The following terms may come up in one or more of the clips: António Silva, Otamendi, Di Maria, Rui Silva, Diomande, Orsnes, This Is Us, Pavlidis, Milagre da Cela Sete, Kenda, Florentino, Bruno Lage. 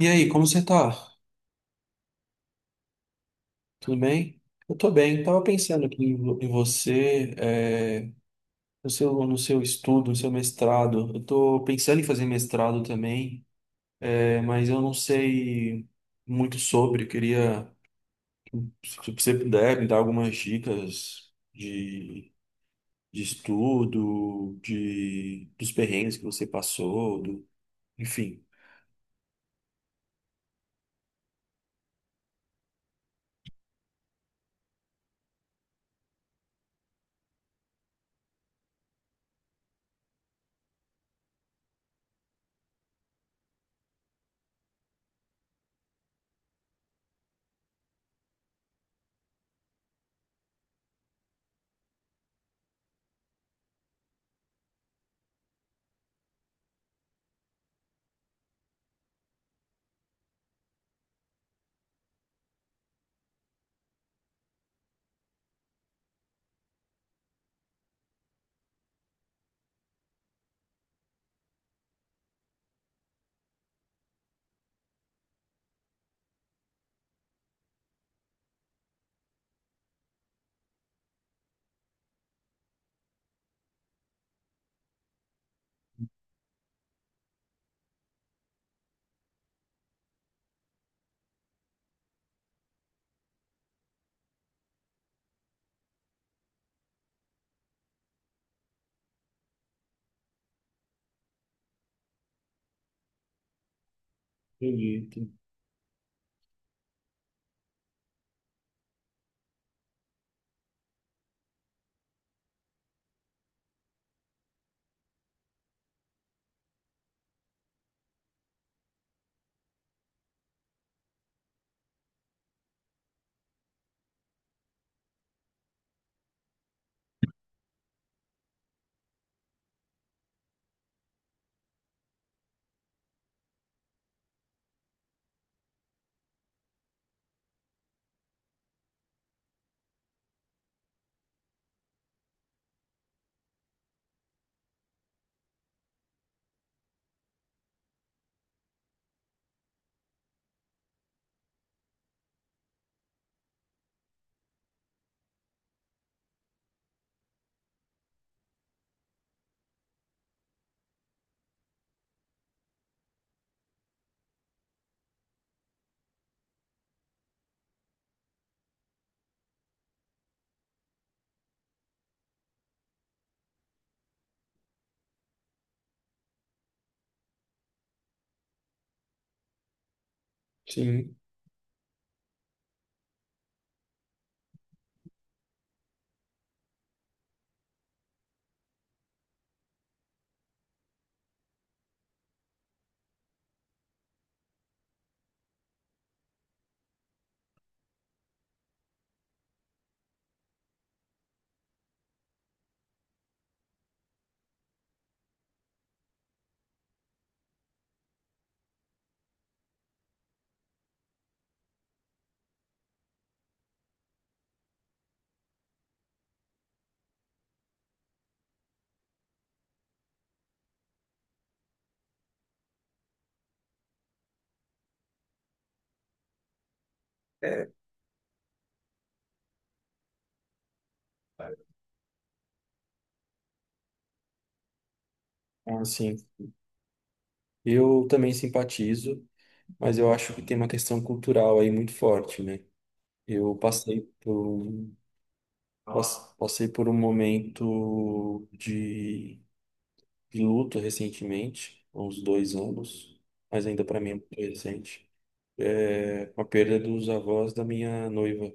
E aí, como você tá? Tudo bem? Eu tô bem. Tava pensando aqui em você, no seu, no seu estudo, no seu mestrado. Eu tô pensando em fazer mestrado também, mas eu não sei muito sobre. Eu queria, se você puder, me dar algumas dicas de estudo, de, dos perrengues que você passou, do, enfim. Entendi. Sim. Ah, sim. Eu também simpatizo, mas eu acho que tem uma questão cultural aí muito forte, né? Eu passei por um, pass- Passei por um momento de luto recentemente, há uns 2 anos, mas ainda para mim é muito recente. É com a perda dos avós da minha noiva,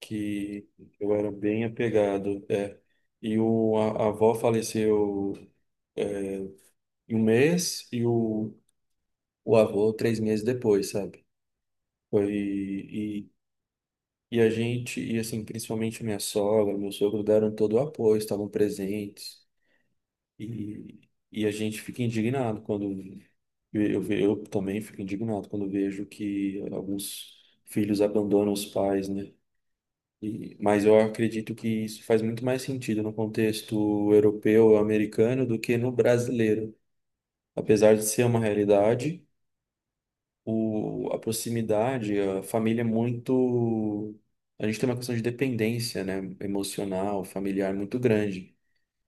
que eu era bem apegado, é. E a avó faleceu em um mês e o avô 3 meses depois, sabe? Foi, e a gente, e assim, principalmente minha sogra, meu sogro deram todo o apoio, estavam presentes. E, e a gente fica indignado quando eu também fico indignado quando vejo que alguns filhos abandonam os pais, né? E, mas eu acredito que isso faz muito mais sentido no contexto europeu, americano, do que no brasileiro. Apesar de ser uma realidade, o, a proximidade, a família é muito. A gente tem uma questão de dependência, né? Emocional, familiar muito grande.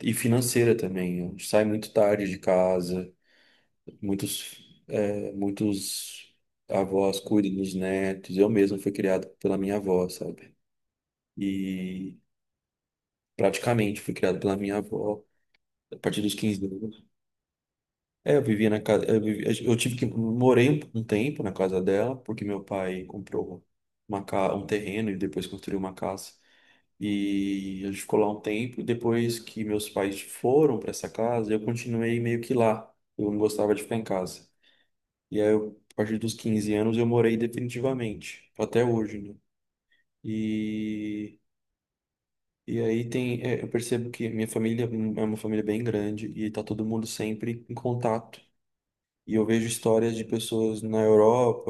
E financeira também. A gente sai muito tarde de casa, muitos, muitos avós cuidam dos netos. Eu mesmo fui criado pela minha avó, sabe? E praticamente fui criado pela minha avó a partir dos 15 anos. É, eu vivia na casa. Eu tive que. Morei um tempo na casa dela, porque meu pai comprou um terreno e depois construiu uma casa. E a gente ficou lá um tempo. E depois que meus pais foram para essa casa, eu continuei meio que lá. Eu não gostava de ficar em casa. E aí, eu, a partir dos 15 anos, eu morei definitivamente, até hoje, né? E. E aí tem, é, eu percebo que minha família é uma família bem grande e tá todo mundo sempre em contato. E eu vejo histórias de pessoas na Europa,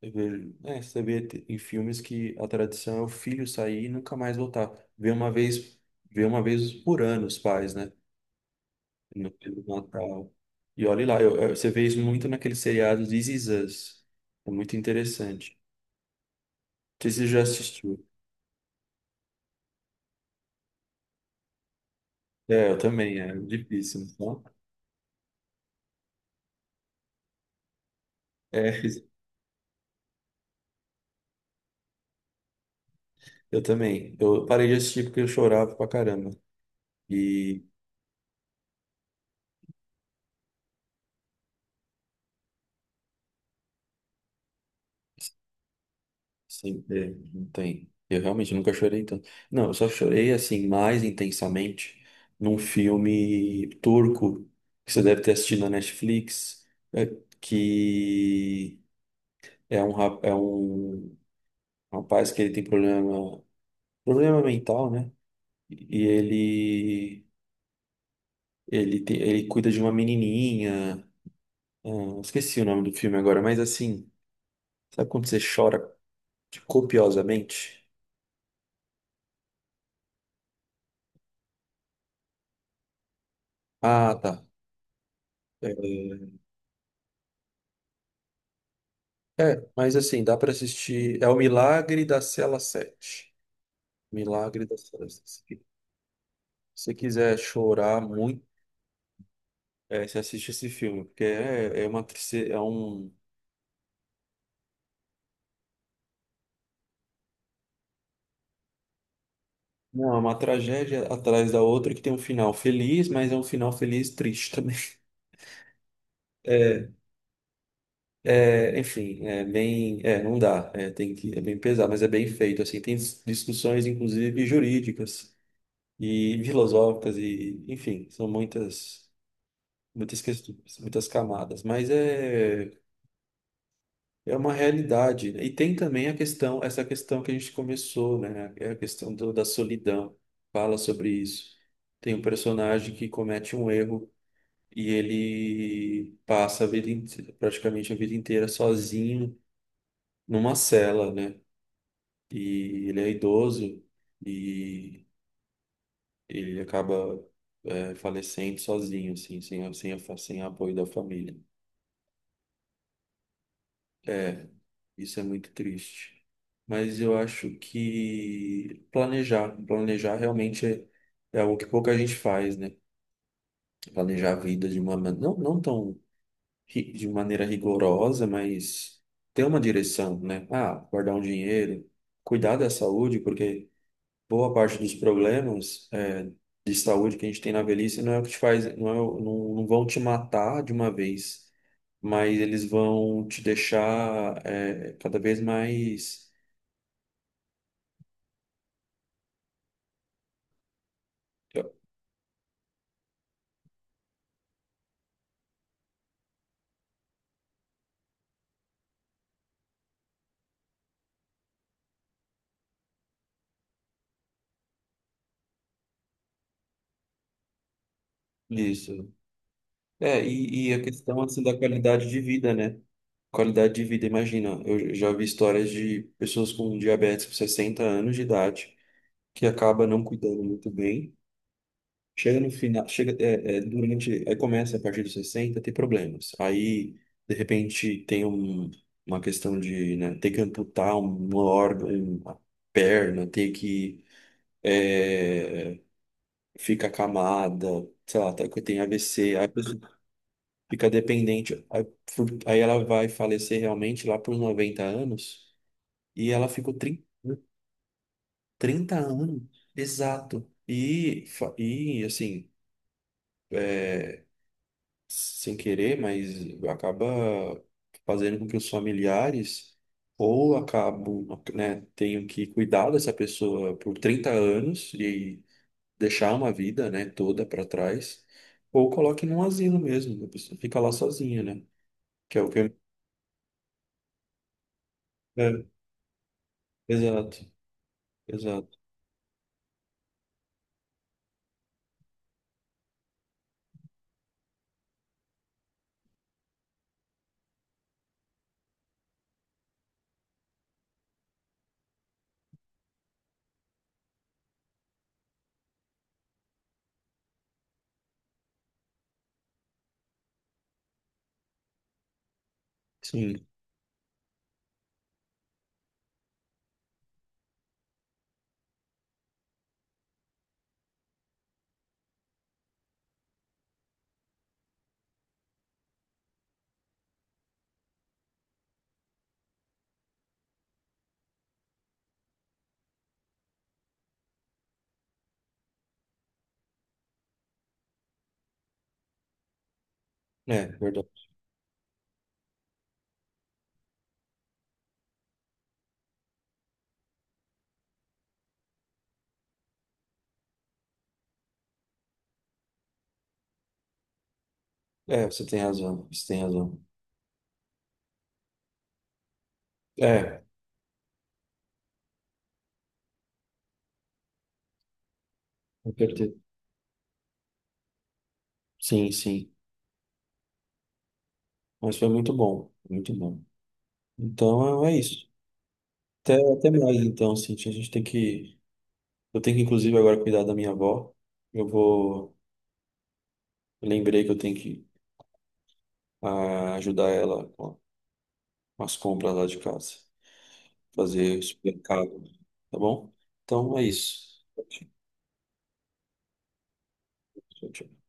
eu vejo, é, em filmes que a tradição é o filho sair e nunca mais voltar. Vê uma vez, vê uma vez por ano os pais, né? No pelo Natal. E olha lá, você vê isso muito naqueles seriados This Is Us. É muito interessante. Não sei se você já assistiu. É, eu também, é difícil, não? É, eu também. Eu parei de assistir porque eu chorava pra caramba. E sim, é, não tem. Eu realmente nunca chorei tanto. Não, eu só chorei assim mais intensamente num filme turco que você deve ter assistido na Netflix, é, que é um, rap é um rapaz que ele tem problema, problema mental, né? E ele ele tem, ele cuida de uma menininha. Ah, esqueci o nome do filme agora, mas assim, sabe quando você chora copiosamente? Ah, tá. É, é, mas assim, dá pra assistir. É o Milagre da Cela Sete. Milagre da Cela Sete. Se você quiser chorar muito, é, você assiste esse filme, porque é, é um, não, é uma tragédia atrás da outra que tem um final feliz, mas é um final feliz triste também. É, é, enfim, é bem, é, não dá, é, tem que, é bem pesado, mas é bem feito, assim, discussões, inclusive, jurídicas e filosóficas e, enfim, são muitas muitas questões, muitas camadas, mas é é uma realidade, né? E tem também a questão, essa questão que a gente começou, né? É a questão do- da solidão. Fala sobre isso. Tem um personagem que comete um erro e ele passa a vida inte- praticamente a vida inteira sozinho numa cela, né? E ele é idoso e ele acaba é, falecendo sozinho, assim, sem, sem, sem apoio da família. Isso é muito triste. Mas eu acho que planejar, planejar realmente é, é algo que pouca gente faz, né? Planejar a vida de uma man- Não, de maneira rigorosa, mas ter uma direção, né? Ah, guardar um dinheiro, cuidar da saúde, porque boa parte dos problemas é, de saúde que a gente tem na velhice não é o que te faz, não, é, o- não, não vão te matar de uma vez, mas eles vão te deixar é, cada vez mais. Isso. É, e a questão assim da qualidade de vida, né? Qualidade de vida, imagina, eu já vi histórias de pessoas com diabetes com 60 anos de idade que acaba não cuidando muito bem. Chega no final, chega é, é, durante, aí começa a partir dos 60 a ter problemas. Aí, de repente, tem um, uma questão de, né, ter que amputar um órgão, uma perna, ter que é, fica acamada, sei lá, tá- tem AVC. Fica dependente. Aí, fu- aí ela vai falecer realmente lá por 90 anos e ela ficou 30 30 anos, exato. E, fa- e assim, sem querer, mas acaba fazendo com que os familiares ou acabam, né, tenham que cuidar dessa pessoa por 30 anos e deixar uma vida, né, toda para trás, ou coloque num asilo mesmo, né, a pessoa fica lá sozinha, né? Que é o que eu... É, exato. Exato. Sim, é verdade. É, você tem razão, você tem razão. É, eu quero ter. Sim, sim. Mas foi muito bom, muito bom. Então é é isso. Até, até mais, então, Cintia. A gente tem que. Eu tenho que, inclusive, agora cuidar da minha avó. Eu vou. Eu lembrei que eu tenho que ajudar ela com as compras lá de casa. Fazer o supermercado, tá bom? Então é isso. Tchau, tchau.